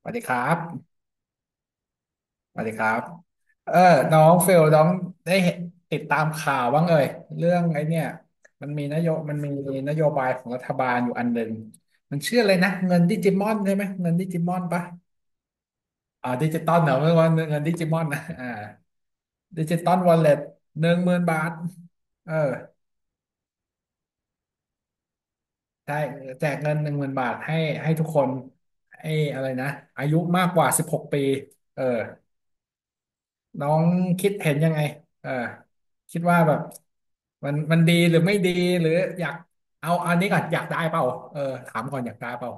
สวัสดีครับ สวัสดีครับเออน้องเฟล น้องได้เห็นติดตามข่าวบ้างเอ่ย เรื่องไอ้เนี่ยมันมีนโยบายของรัฐบาลอยู่อันหนึ่งมันชื่ออะไรนะเงินดิจิมอนใช่ไหม เงินดิจิมอนปะดิจิตอลเหรอเม่อวนเงินดิจิมอนนะดิจิตอลวอลเล็ตหนึ่งหมื่นบาทเออใช่แจกเงินหนึ่งหมื่นบาทให้ให้ทุกคนให้อะไรนะอายุมากกว่า16ปีเออ น้องคิดเห็นยังไงเออคิดว่าแบบมันดีหรือไม่ดีหรืออยากเอาอันนี้ก่อนอยากได้เปล่าเออถามก่อนอยากได้เปล่า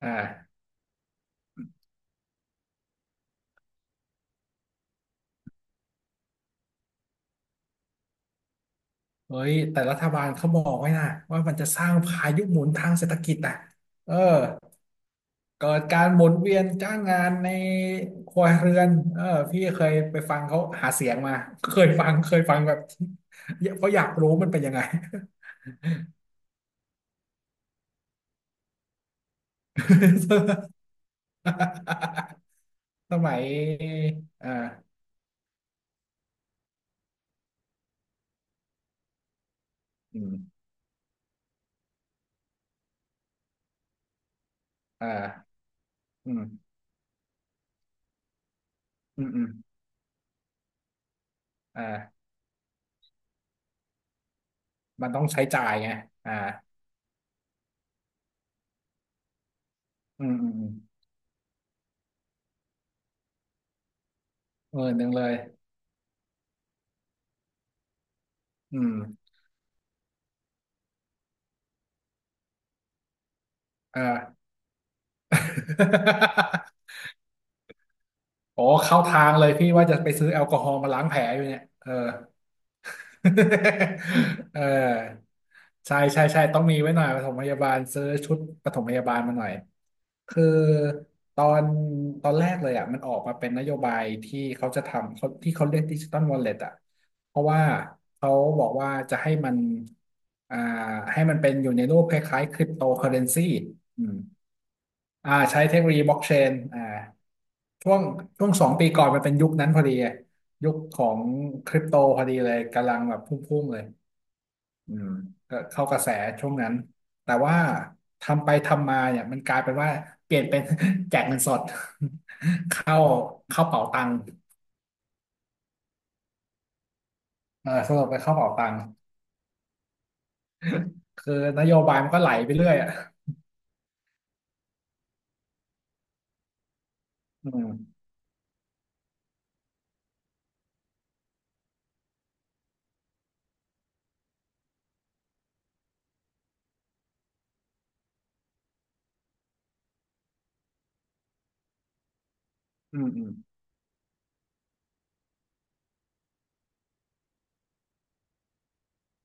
อ่าเฮ้ยแต่รัฐบาลเขาบอกไว้นะว่ามันจะสร้างพายุหมุนทางเศรษฐกิจอ่ะเออเกิดการหมุนเวียนจ้างงานในครัวเรือนเออพี่เคยไปฟังเขาหาเสียงมาเคยฟังแบบ เพราะอยากรู้มันเป็นยังไง สมัยอ่าอืม อ่าอืมอืมอืมอ่ามันต้องใช้จ่ายไงอ่าอืม อืมอืมเออหนึ่งเลยอืมอ่า โอ้เข้าทางเลยพี่ว่าจะไปซื้อแอลกอฮอล์มาล้างแผลอยู่เนี่ยเออ เออใช่ใช่ใช่ต้องมีไว้หน่อยปฐมพยาบาลซื้อชุดปฐมพยาบาลมาหน่อยคือตอนตอนแรกเลยอ่ะมันออกมาเป็นนโยบายที่เขาจะทำเขาที่เขาเรียกดิจิตอลวอลเล็ตอ่ะเพราะว่าเขาบอกว่าจะให้มันอ่าให้มันเป็นอยู่ในรูปคล้ายๆคริปโตเคอเรนซีอืม ใช้เทคโนโลยีบล็อกเชนช่วงช่วงสองปีก่อนมันเป็นยุคนั้นพอดีอะยุคของคริปโตพอดีเลยกำลังแบบพุ่งๆเลยอืมก็เข้ากระแสช่วงนั้นแต่ว่าทำไปทำมาเนี่ยมันกลายเป็นว่าเปลี่ยนเป็น แจกเงินสด เข้าเข้าเป๋าตังค์เออสรุปไปเข้าเป๋าตังค์คือนโยบายมันก็ไหลไปเรื่อยอ่ะอืมอืมอืม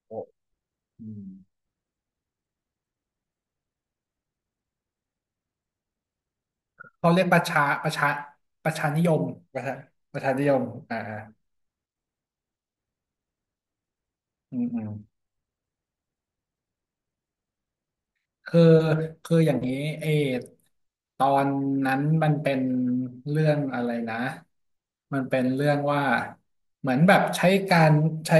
โอ้อืมเขาเรียกประชานิยมประชาประชานิยมอ่า อืมอืมคือคืออย่างนี้เอตอนนั้นมันเป็นเรื่องอะไรนะมันเป็นเรื่องว่าเหมือนแบบใช้การใช้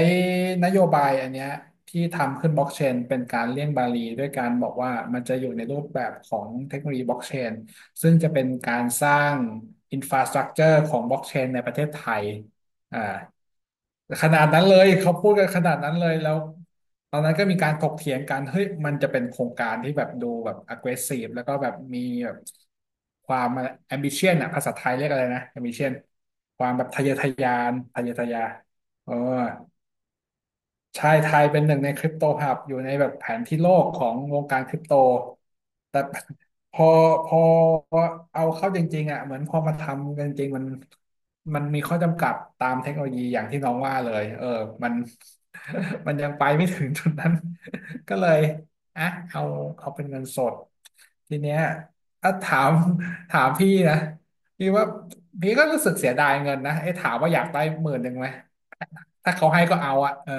นโยบายอันเนี้ยที่ทำขึ้นบล็อกเชนเป็นการเลี่ยงบาลีด้วยการบอกว่ามันจะอยู่ในรูปแบบของเทคโนโลยีบล็อกเชนซึ่งจะเป็นการสร้างอินฟราสตรั t เจอร์ของบล็อกเชนในประเทศไทย อ่าขนาดนั้นเลยเขาพูดกันขนาดนั้นเลยแล้วตอนนั้นก็มีการถกเถียงกันเฮ้ยมันจะเป็นโครงการที่แบบดูแบบ aggressive แล้วก็แบบมีแบบความ ambition อะภาษาไทยเรียกอะไรนะ ambition ความแบบทะเยอทะยานทะเยอทะยานเออ ใช่ไทยเป็นหนึ่งในคริปโตฮับอยู่ในแบบแผนที่โลกของวงการคริปโตแต่ พอพอเอาเข้าจริงๆอ่ะเหมือนพอมาทำกันจริงๆมันมีข้อจำกัดตามเทคโนโลยีอย่างที่น้องว่าเลยเออมัน มันยังไปไม่ถึงจุดนั้น ก็เลยอ่ะเอาเอาเป็นเงินสดทีเนี้ยถ้าถาม ถามพี่นะพี่ว่าพี่ก็รู้สึกเสียดายเงินนะเอ้ถามว่าอยากได้10,000ไหม ถ้าเขาให้ก็เอาอะเออ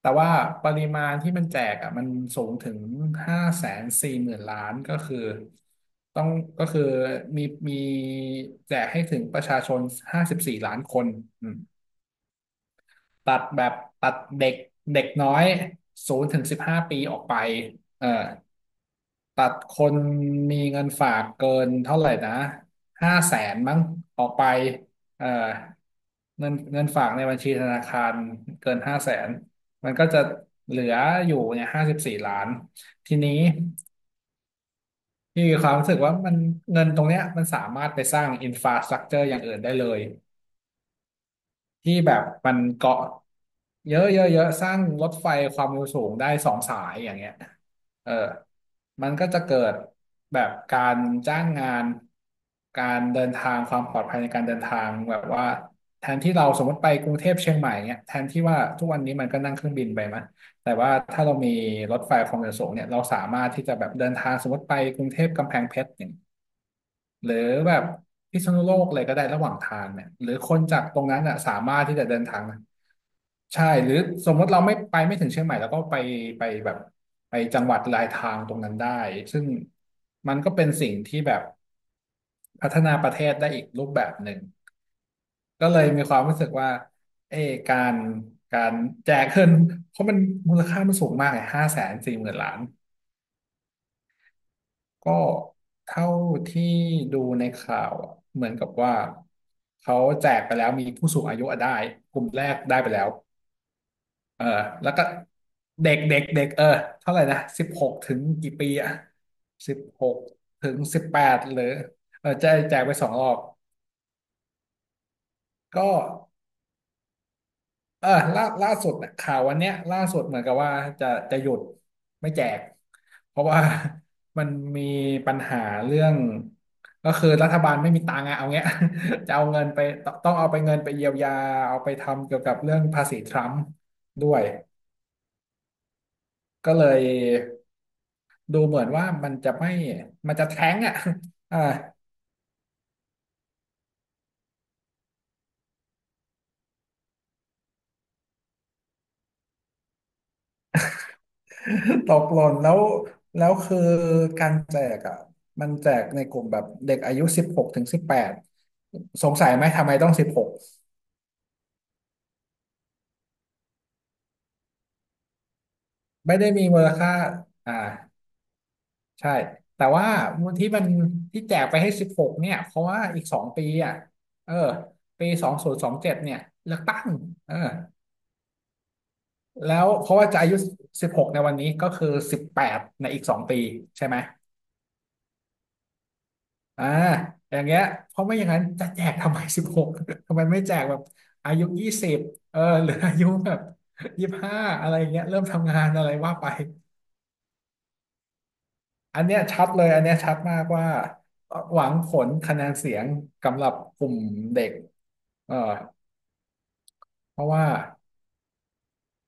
แต่ว่าปริมาณที่มันแจกอะมันสูงถึง540,000,000,000ก็คือต้องก็คือมีมีแจกให้ถึงประชาชนห้าสิบสี่ล้านคน ตัดแบบตัดเด็กเด็กน้อย0-15ปีออกไปเออตัดคนมีเงินฝากเกินเท่าไหร่นะห้าแสนมั้งออกไปเออเงินเงินฝากในบัญชีธนาคารเกินห้าแสนมันก็จะเหลืออยู่เนี่ยห้าสิบสี่ล้าน ทีนี้พี่มีความรู้สึกว่ามันเงินตรงเนี้ยมันสามารถไปสร้างอินฟราสตรักเจอร์อย่างอื่นได้เลย ที่แบบมันเกาะเยอะเยอะเยอะสร้างรถไฟความเร็วสูงได้สองสายอย่างเงี้ยเออมันก็จะเกิดแบบการจ้างงานการเดินทางความปลอดภัยในการเดินทางแบบว่าแทนที่เราสมมติไปกรุงเทพเชียงใหม่เงี้ยแทนที่ว่าทุกวันนี้มันก็นั่งเครื่องบินไปมั้ยแต่ว่าถ้าเรามีรถไฟความเร็วสูงเนี่ยเราสามารถที่จะแบบเดินทางสมมติไปกรุงเทพกำแพงเพชรเนี่ย หรือแบบพิษณุโลกอะไรก็ได้ระหว่างทางเนี่ยหรือคนจากตรงนั้นอ่ะสามารถที่จะเดินทางนะใช่หรือสมมติเราไม่ไปไม่ถึงเชียงใหม่แล้วก็ไปไปแบบไปจังหวัดลายทางตรงนั้นได้ซึ่งมันก็เป็นสิ่งที่แบบพัฒนาประเทศได้อีกรูปแบบหนึ่งก็เลยมีความรู้สึกว่าเออการการแจกเงินเพราะมันมูลค่ามันสูงมากไงห้าแสนสี่หมื่นล้าน ก็เท่าที่ดูในข่าวอะเหมือนกับว่าเขาแจกไปแล้วมีผู้สูงอายุอะได้กลุ่มแรกได้ไปแล้วเออแล้วก็เด็กเด็กเด็กเออเท่าไหร่นะ16อ่ะสิบหกถึงสิบแปดหรือเออแจกไป2 รอบก็ เออล่าสุดน่ะข่าววันเนี้ยล่าสุดเหมือนกับว่าจะหยุดไม่แจกเพราะว่า มันมีปัญหาเรื่องก็คือรัฐบาลไม่มีตังค์อะเอาเงี้ย จะเอาเงินไปต้องเงินไปเยียวยาเอาไปทำเกี่ยวกับเรื่องภาษีทรัมป์ด้วยก็เลยดูเหมือนว่ามันจะแท้งอ่ะ อ่า ตกหล่นแล้วแล้วคือการแจกอ่ะมันแจกในกลุ่มแบบเด็กอายุสิบหกถึงสิบแปดสงสัยไหมทำไมต้องสิบหกไม่ได้มีมูลค่าอ่าใช่แต่ว่าที่มันที่แจกไปให้สิบหกเนี่ยเพราะว่าอีกสองปีอ่ะเออปี2027เนี่ยเลือกตั้งเออแล้วเพราะว่าจะอายุสิบหกในวันนี้ก็คือ18 ในอีก 2 ปีใช่ไหม อ่าอย่างเงี้ยเพราะไม่อย่างนั้นจะแจกทำไม 16ทำไมไม่แจกแบบอายุยี่สิบเออ หรืออายุแบบ25อะไรอย่างเงี้ยเริ่มทำงานอะไรว่าไปอันเนี้ยชัดเลยอันเนี้ยชัดมากว่าหวังผลคะแนนเสียงกำหรับกลุ่มเด็กเออเพราะว่า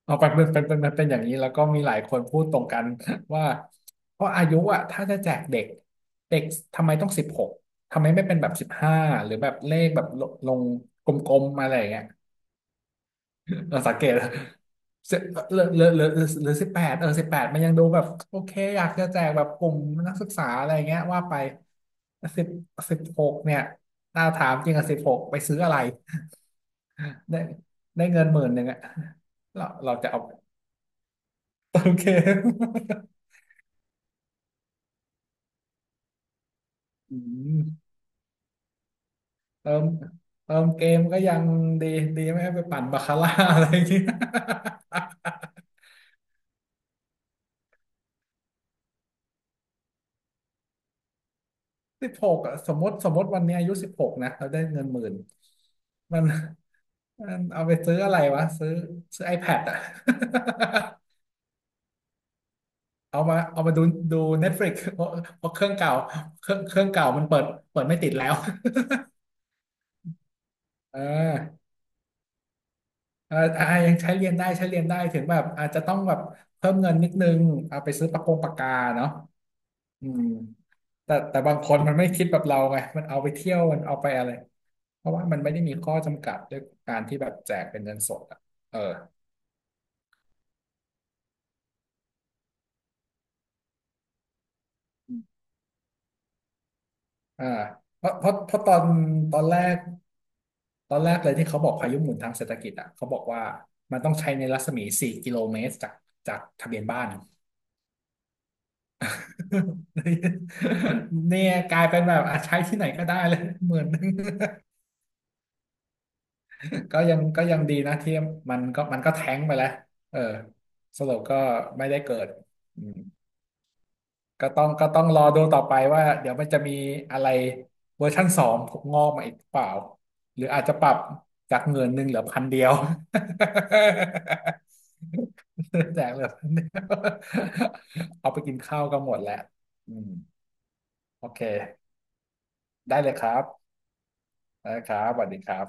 เอาไปเป็นอย่างนี้แล้วก็มีหลายคนพูดตรงกัน ว่าเพราะอายุอ่ะถ้าจะแจกเด็กเด็กทำไมต้องสิบหกทำไมไม่เป็นแบบสิบห้าหรือแบบเลขแบบลงกลมๆมาอะไรอย่างเงี้ย เราสังเกต สิหรือหรือหรือหรือ18 เออ 18มันยังดูแบบโอเคอยากจะแจกแบบกลุ่มนักศึกษาอะไรเงี้ยว่าไปสิบสิบหกเนี่ยถ้าถามจริงอะสิบหกไปซื้ออะไร ได้ได้เงิน 10,000อะ เราจะเอา เติมเกม อืมเติมเติมเกมก็ยังดีดีไม่ให้ไปปั่นบาคาร่า อะไรอย่างเงี้ย สิบหกอะสมมติสมมติวันนี้อายุสิบหกนะเราได้เงินหมื่นมันมันเอาไปซื้ออะไรวะซื้อ iPad อะ เอามาดูดู Netflix เพราะเครื่องเก่าเครื่องเครื่องเก่ามันเปิดไม่ติดแล้ว เออเออยังใช้เรียนได้ใช้เรียนได้ถึงแบบอาจจะต้องแบบเพิ่มเงินนิดนึงเอาไปซื้อปากกาเนาะ อืมแต่บางคนมันไม่คิดแบบเราไงมันเอาไปเที่ยว มันเอาไปอะไร เพราะว่ามันไม่ได้มีข้อจำกัดด้วยการที่แบบแจกเป็นเงินสดอ่ะเออเพราะตอนแรกตอนแรกเลยที่เขาบอกพายุหมุนทางเศรษฐกิจอ่ะเขาบอกว่ามันต้องใช้ในรัศมี4 กิโลเมตรจากทะเบียนบ้าน เนี่ยกลายเป็นแบบอ่ะใช้ที่ไหนก็ได้เลยหมื่นหนึ่ง ก็ยังดีนะที่มันก็แท้งไปแล้วเออสรุปก็ไม่ได้เกิดอืมก็ต้องรอดูต่อไปว่าเดี๋ยวมันจะมีอะไรเวอร์ชั่นสองงอกมาอีกเปล่าหรืออาจจะปรับจากหมื่นหนึ่งเหลือพันเดียว แจกเหลือ1,000 เอาไปกินข้าวก็หมดแล้วอืมโอเคได้เลยครับได้ครับสวัสดีครับ